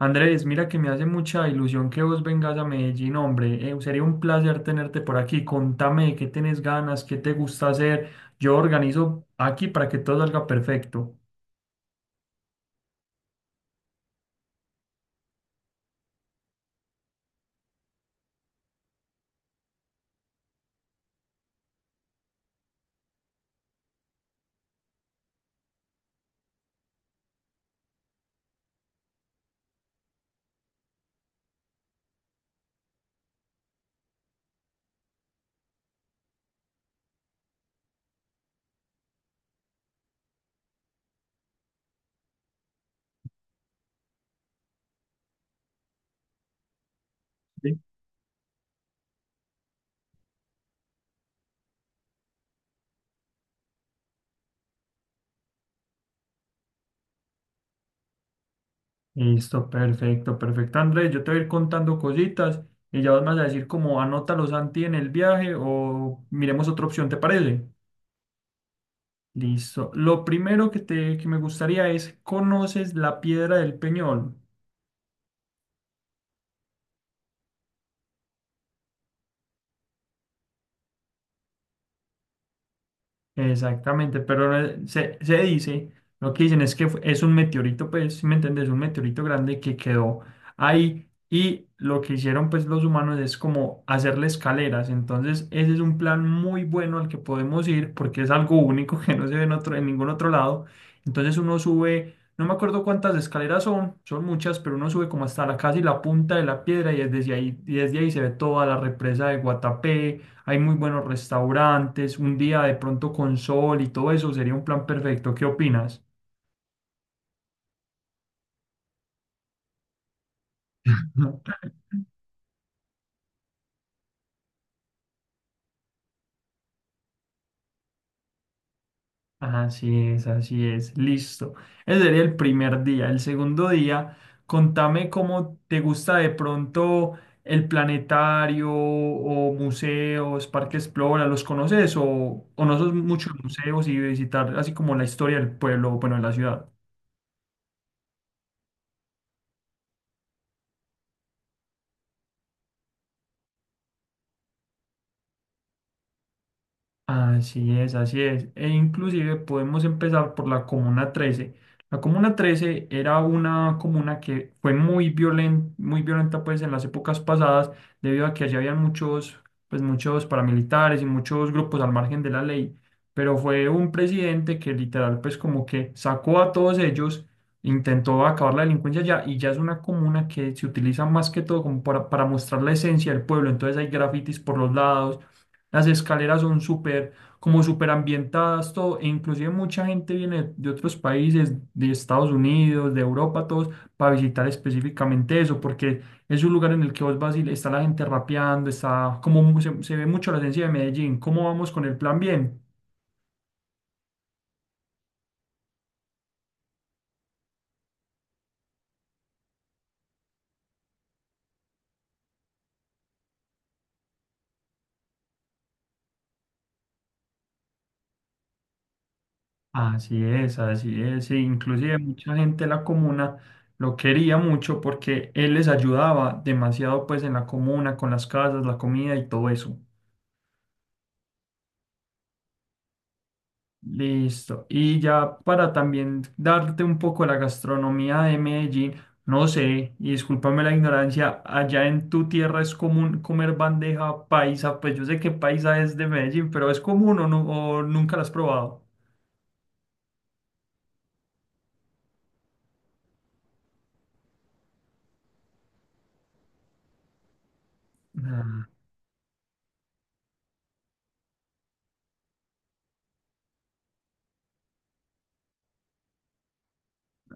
Andrés, mira que me hace mucha ilusión que vos vengas a Medellín, hombre. Sería un placer tenerte por aquí. Contame de qué tenés ganas, qué te gusta hacer. Yo organizo aquí para que todo salga perfecto. Sí. Listo, perfecto, perfecto, Andrés. Yo te voy a ir contando cositas y ya vos me vas a decir como anótalo Santi en el viaje o miremos otra opción, ¿te parece? Listo. Lo primero que me gustaría es, ¿conoces la Piedra del Peñol? Exactamente, pero se dice, lo que dicen es que es un meteorito, pues, si me entiendes, un meteorito grande que quedó ahí, y lo que hicieron pues los humanos es como hacerle escaleras. Entonces ese es un plan muy bueno al que podemos ir, porque es algo único que no se ve en ningún otro lado. Entonces uno sube, no me acuerdo cuántas escaleras son, son muchas, pero uno sube como hasta la casi la punta de la piedra, y desde ahí se ve toda la represa de Guatapé. Hay muy buenos restaurantes, un día de pronto con sol y todo eso sería un plan perfecto. ¿Qué opinas? Así es, listo. Ese sería el primer día. El segundo día, contame cómo te gusta de pronto el planetario o museos, Parque Explora, ¿los conoces, o no sos mucho de museos y visitar así como la historia del pueblo, bueno, de la ciudad? Así es, así es. E inclusive podemos empezar por la Comuna 13. La Comuna trece era una comuna que fue muy violenta pues en las épocas pasadas, debido a que allí habían muchos paramilitares y muchos grupos al margen de la ley. Pero fue un presidente que literal pues como que sacó a todos ellos, intentó acabar la delincuencia ya, y ya es una comuna que se utiliza más que todo como para mostrar la esencia del pueblo. Entonces hay grafitis por los lados, las escaleras son súper ambientadas, todo. E inclusive mucha gente viene de otros países, de Estados Unidos, de Europa, todos, para visitar específicamente eso, porque es un lugar en el que vos vas y está la gente rapeando, está como se ve mucho la esencia de Medellín. ¿Cómo vamos con el plan? Bien. Así es, así es. Sí, inclusive mucha gente de la comuna lo quería mucho porque él les ayudaba demasiado pues en la comuna, con las casas, la comida y todo eso. Listo. Y ya para también darte un poco la gastronomía de Medellín, no sé, y discúlpame la ignorancia, allá en tu tierra es común comer bandeja paisa, pues yo sé que paisa es de Medellín, pero ¿es común, o no, o nunca la has probado? Ah.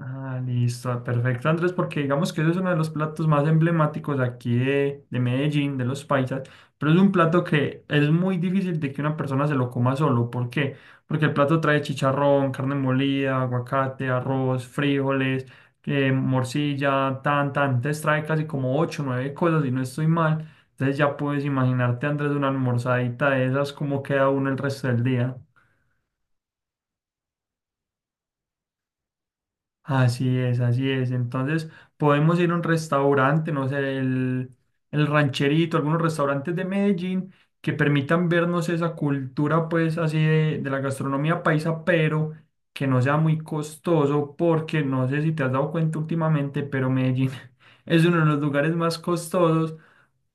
Ah, listo, perfecto, Andrés, porque digamos que eso es uno de los platos más emblemáticos aquí de Medellín, de los paisas, pero es un plato que es muy difícil de que una persona se lo coma solo. ¿Por qué? Porque el plato trae chicharrón, carne molida, aguacate, arroz, frijoles, morcilla, tan, tan. Entonces trae casi como ocho, o nueve cosas, y no estoy mal. Entonces ya puedes imaginarte, Andrés, una almorzadita de esas, cómo queda uno el resto del día. Así es, así es. Entonces, podemos ir a un restaurante, no sé, el rancherito, algunos restaurantes de Medellín que permitan vernos esa cultura, pues, así de la gastronomía paisa, pero que no sea muy costoso, porque no sé si te has dado cuenta últimamente, pero Medellín es uno de los lugares más costosos.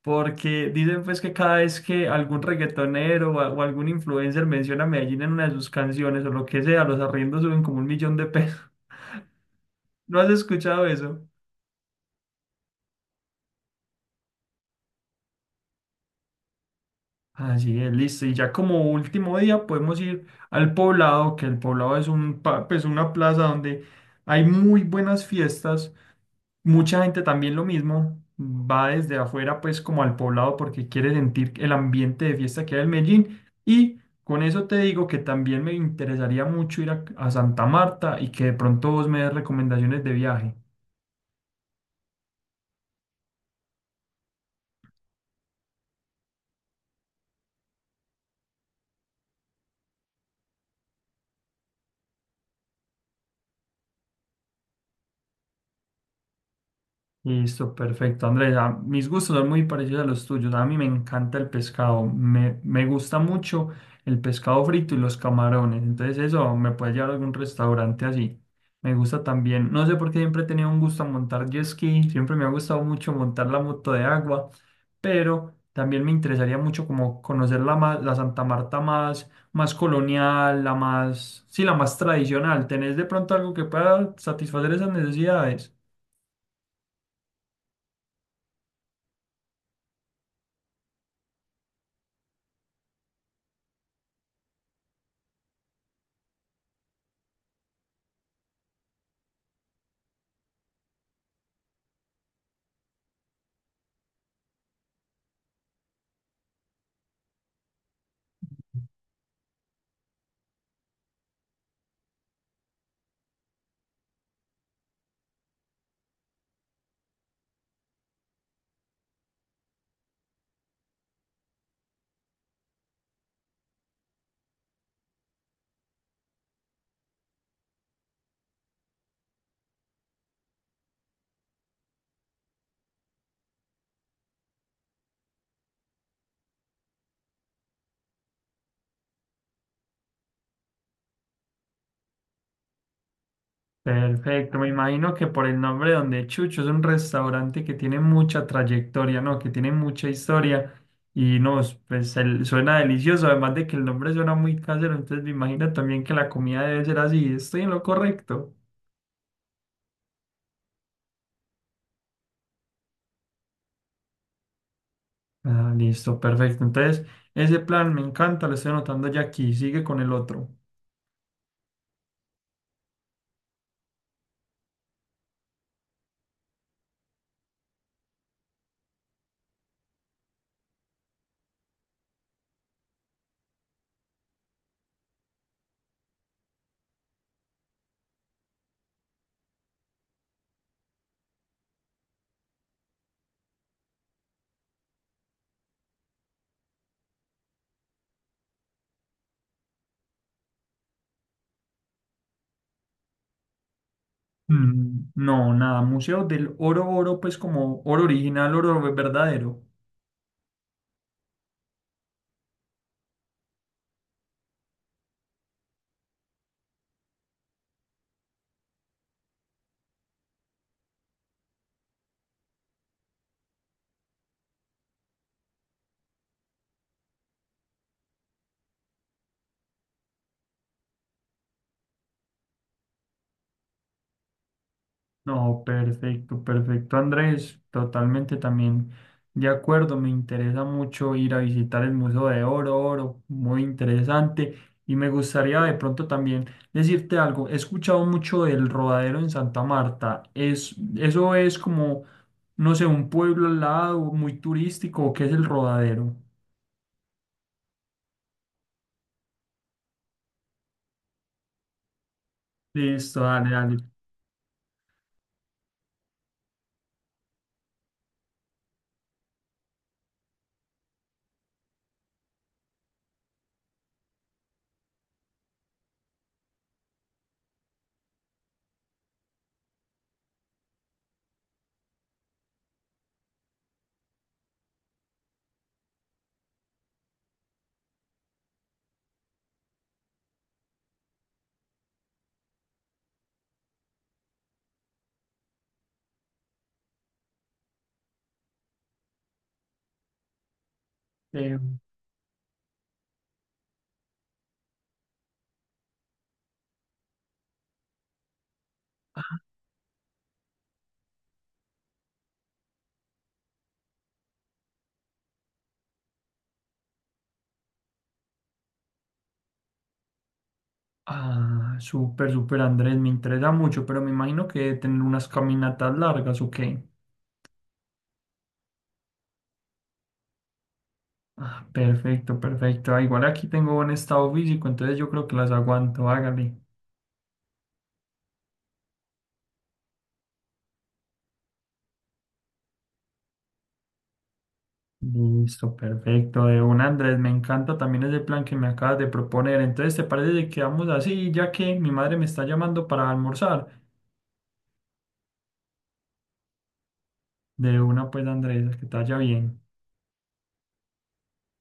Porque dicen pues que cada vez que algún reggaetonero o, o algún influencer menciona a Medellín en una de sus canciones o lo que sea, los arriendos suben como 1.000.000 de pesos. ¿No has escuchado eso? Así es, listo. Y ya como último día podemos ir al poblado, que el poblado es pues una plaza donde hay muy buenas fiestas. Mucha gente también lo mismo, va desde afuera pues como al poblado porque quiere sentir el ambiente de fiesta que hay en Medellín. Y con eso te digo que también me interesaría mucho ir a Santa Marta, y que de pronto vos me des recomendaciones de viaje. Listo, perfecto. Andrea, mis gustos son muy parecidos a los tuyos. A mí me encanta el pescado. Me gusta mucho el pescado frito y los camarones. Entonces eso me puede llevar a algún restaurante así. Me gusta también, no sé por qué siempre he tenido un gusto a montar jet ski. Siempre me ha gustado mucho montar la moto de agua. Pero también me interesaría mucho como conocer la Santa Marta más colonial, la más, sí, la más tradicional. ¿Tenés de pronto algo que pueda satisfacer esas necesidades? Perfecto, me imagino que por el nombre Donde Chucho es un restaurante que tiene mucha trayectoria, ¿no? Que tiene mucha historia y no, pues suena delicioso, además de que el nombre suena muy casero, entonces me imagino también que la comida debe ser así. ¿Estoy en lo correcto? Ah, listo, perfecto. Entonces, ese plan me encanta, lo estoy anotando ya aquí, sigue con el otro. Mm, no, nada, Museo del Oro Oro, pues como oro original, oro verdadero. No, perfecto, perfecto, Andrés, totalmente también de acuerdo, me interesa mucho ir a visitar el Museo de Oro, Oro, muy interesante, y me gustaría de pronto también decirte algo, he escuchado mucho del Rodadero en Santa Marta, es, eso es como, no sé, un pueblo al lado muy turístico, ¿o qué es el Rodadero? Listo, dale, dale. Eh, ah, súper, súper, Andrés, me interesa mucho, pero me imagino que debe tener unas caminatas largas, ¿o qué? Ah, perfecto, perfecto. Ah, igual aquí tengo buen estado físico, entonces yo creo que las aguanto. Hágale. Listo, perfecto. De un Andrés, me encanta también ese plan que me acabas de proponer. Entonces, ¿te parece que quedamos así, ya que mi madre me está llamando para almorzar? De una, pues, Andrés, que te vaya bien.